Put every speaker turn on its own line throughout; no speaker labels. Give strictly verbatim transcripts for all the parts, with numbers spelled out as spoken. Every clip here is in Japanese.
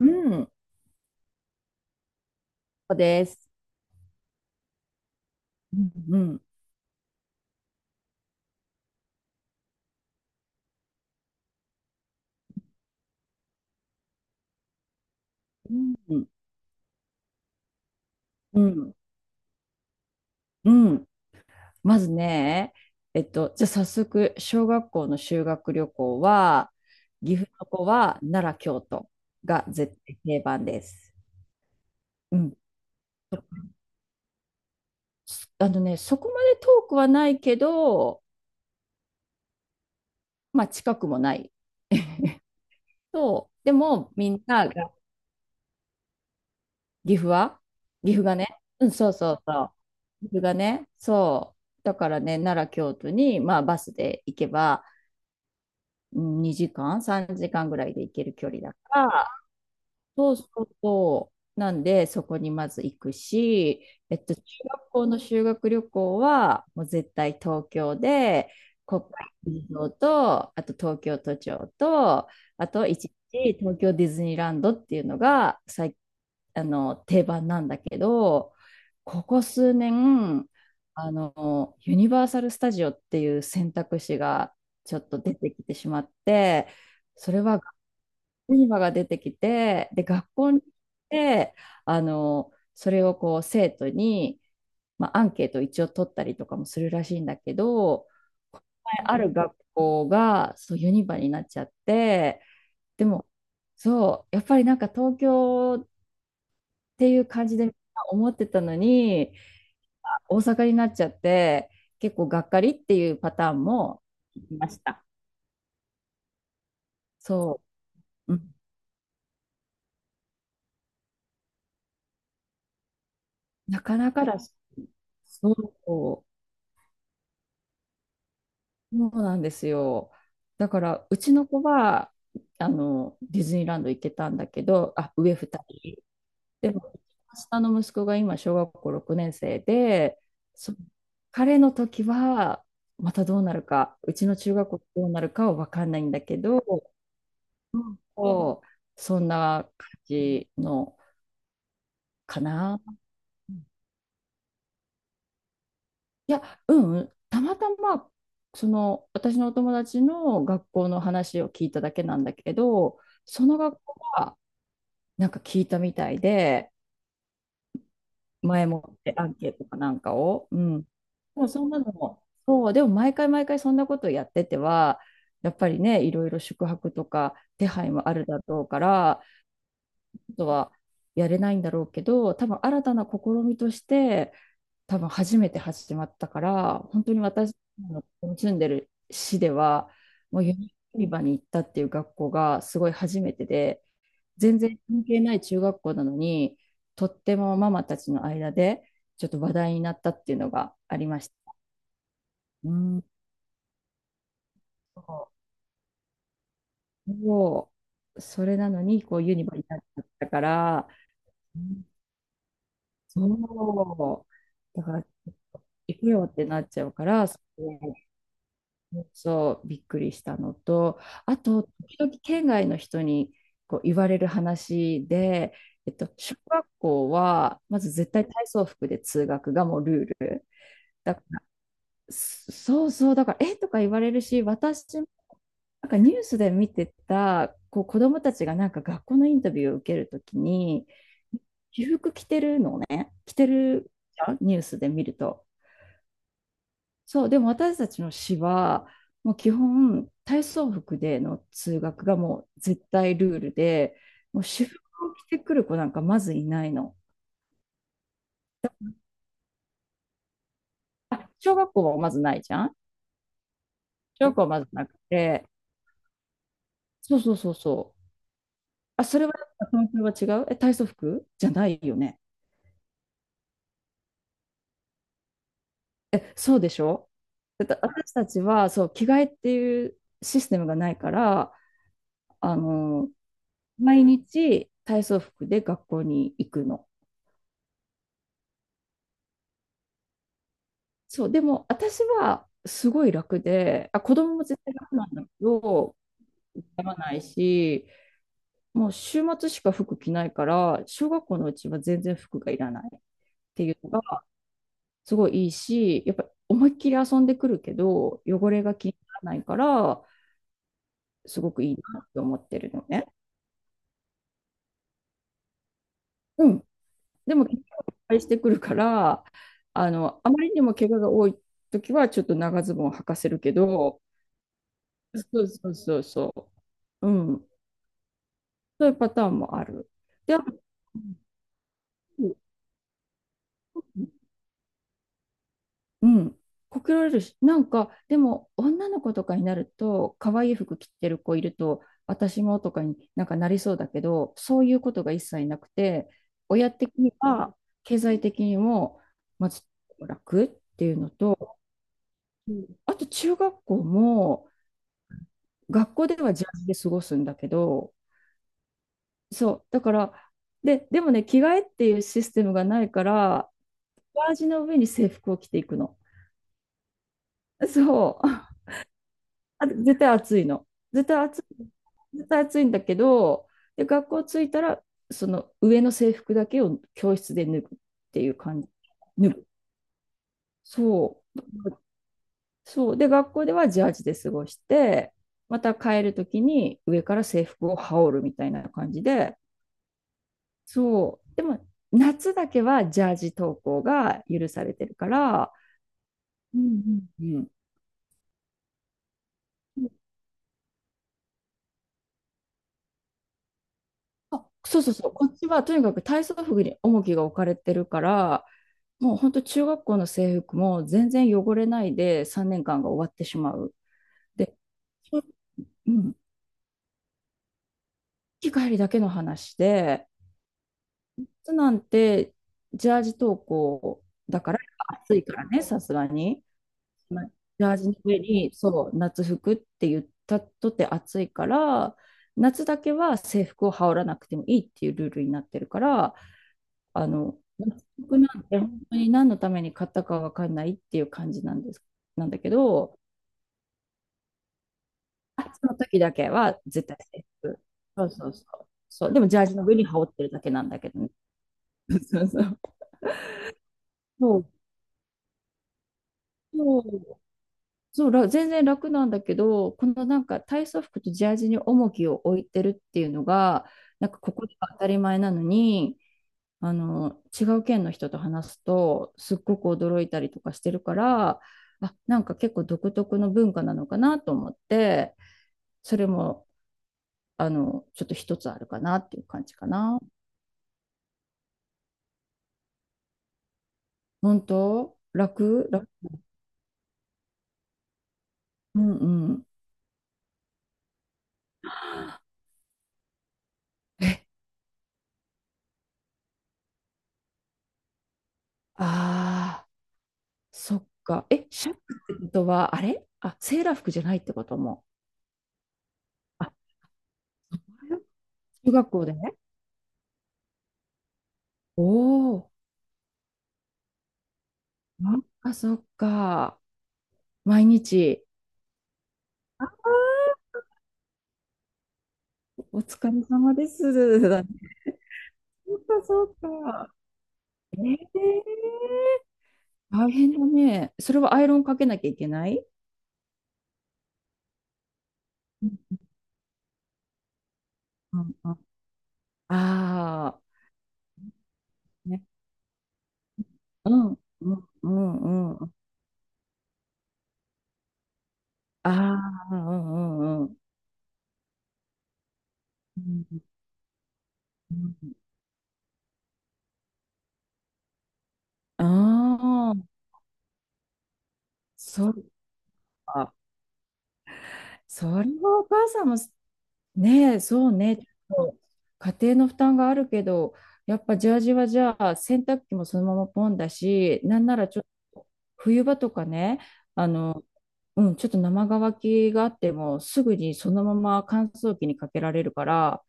うん。そうです。うん、うん、うん、うん。うんまずね、えっと、じゃあ早速、小学校の修学旅行は、岐阜の子は奈良、京都が絶対定番です。うん。あのね、そこまで遠くはないけど、まあ近くもない。そう。でも、みんなが、岐阜は岐阜がね、うん、そうそうそう。岐阜がね、そう。だからね、奈良、京都に、まあバスで行けば、うんにじかん、さんじかんぐらいで行ける距離だから、そうそうそう、なんでそこにまず行くし、えっと、中学校の修学旅行は、もう絶対東京で、国会議事堂と、あと東京都庁と、あと一日東京ディズニーランドっていうのが最、あの、定番なんだけど、ここ数年、あの、ユニバーサル・スタジオっていう選択肢がちょっと出てきてしまって、それはユニバが出てきて、で、学校に行って、あの、それをこう生徒に、まあ、アンケートを一応取ったりとかもするらしいんだけど、前ある学校がそうユニバになっちゃって、でも、そう、やっぱりなんか東京っていう感じでみんな思ってたのに、大阪になっちゃって、結構がっかりっていうパターンもいました。そう、うん、なかなかだし、そう。そうなんですよ。だから、うちの子は、あの、ディズニーランド行ってたんだけど、あ、上二人。でも、下の息子が今、小学校ろくねん生で、そ彼の時は、またどうなるか、うちの中学校どうなるかは分かんないんだけど、うんこうそんな感じのかな。いや、うん、たまたま、その、私のお友達の学校の話を聞いただけなんだけど、その学校はなんか聞いたみたいで、前もってアンケートかなんかを。うん。もうそう、でも毎回毎回そんなことやってては、やっぱりね、いろいろ宿泊とか手配もあるだろうから、あとはやれないんだろうけど、多分新たな試みとして、多分初めて始まったから、本当に私の住んでる市では、もうユニバに行ったっていう学校がすごい初めてで、全然関係ない中学校なのに、とってもママたちの間でちょっと話題になったっていうのがありました。うん。そうそう、それなのにこうユニバになっちゃったから、うんそう、だから行くよってなっちゃうから、そうそう、びっくりしたのと、あと、時々県外の人にこう言われる話で、えっと、小学校はまず絶対体操服で通学がもうルール。だかそうそう、だから、えとか言われるし、私、なんかニュースで見てた、こう子供たちがなんか学校のインタビューを受けるときに、私服着てるのね、着てるじゃんニュースで見ると。そう、でも私たちの市は、もう基本、体操服での通学がもう絶対ルールで、もう私服を着てくる子なんかまずいないの。あ、小学校はまずないじゃん小学校はまずなくて、そうそうそうそう。あ、それは東京は違うえ、体操服じゃないよね。え、そうでしょだって私たちは、そう、着替えっていうシステムがないから、あの、毎日体操服で学校に行くの。そう、でも私はすごい楽で、あ、子供も絶対楽なんだけど、痛まないし、もう週末しか服着ないから、小学校のうちは全然服がいらないっていうのが、すごいいいし、やっぱ思いっきり遊んでくるけど、汚れが気にならないから、すごくいいなって思ってるのね。うん。でも、結構いっぱいしてくるから、あの、あまりにも怪我が多い時は、ちょっと長ズボンを履かせるけど、そうそうそうそう。うん。そういうパターンもある。で、あとうんうん、こけられるし、なんか、でも、女の子とかになると、可愛い服着てる子いると、私もとかになんかなりそうだけど、そういうことが一切なくて、親的には、経済的にも、まず楽っていうのと、あと中学校も、学校ではジャージで過ごすんだけど、そう、だから、で、でもね、着替えっていうシステムがないから、ジャージの上に制服を着ていくの。そう。あ絶対暑いの。絶対暑い。絶対暑いんだけど、で、学校着いたら、その上の制服だけを教室で脱ぐっていう感じ。脱ぐ。そう。そう。で、学校ではジャージで過ごして、また帰るときに上から制服を羽織るみたいな感じで、そう。でも、夏だけはジャージ登校が許されてるから、うんうんうん。あ、そうそうそう。こっちはとにかく体操服に重きが置かれてるから、もう本当中学校の制服も全然汚れないでさんねんかんが終わってしまう。で、うん、行き帰りだけの話で、夏なんてジャージ登校だから暑いからね、さすがに。まあジャージの上にそう夏服って言ったとて暑いから、夏だけは制服を羽織らなくてもいいっていうルールになってるから、あの、夏服なんて本当に何のために買ったかわかんないっていう感じなんです、なんだけど、あ、その時だけは絶対制服。そうそうそう。そう、でもジャージの上に羽織ってるだけなんだけどね。そうそう。そう、そうそうら全然楽なんだけど、このなんか体操服とジャージに重きを置いてるっていうのが、なんかここでは当たり前なのに、あの、違う県の人と話すと、すっごく驚いたりとかしてるから、あ、なんか結構独特の文化なのかなと思って、それも、あの、ちょっと一つあるかなっていう感じかな。本当楽楽うんうん。え、ああ、そっか。え、シャツってことは、あれあ、セーラー服じゃないってことも。あ、そういう中学校でね。おお、なんかそっか。毎日。あお疲れ様です。だねそっかそっか。えー、大変だね。それはアイロンかけなきゃいけないうんうんうん。ああ、ね。うんうんうんうん。ああ、うんうんうんああー、そうか。それはお母さんも、ねえ、そうね。ちょっと家庭の負担があるけど、やっぱジャージはじゃあ、洗濯機もそのままポンだし、なんならちょっと冬場とかね、あの、うん、ちょっと生乾きがあっても、すぐにそのまま乾燥機にかけられるから、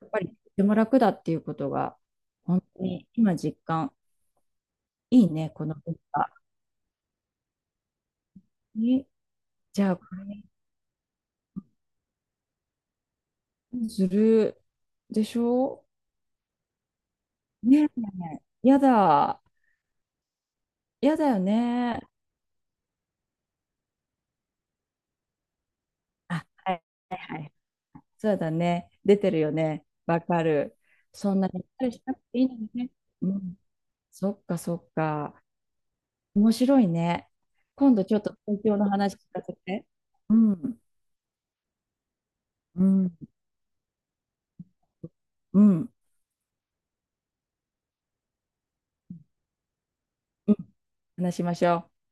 やっぱりとても楽だっていうことが、本当に今実感。いいね、この文化。ねじゃあ、これずるでしょねえ。やだ。やだよね。はいはい。そうだね。出てるよね。わかる。そんなにったりしなくていいのにね。うん。そっかそっか。面白いね。今度ちょっと東京の話聞かせて。うん。うん。うん。うん。話しましょう。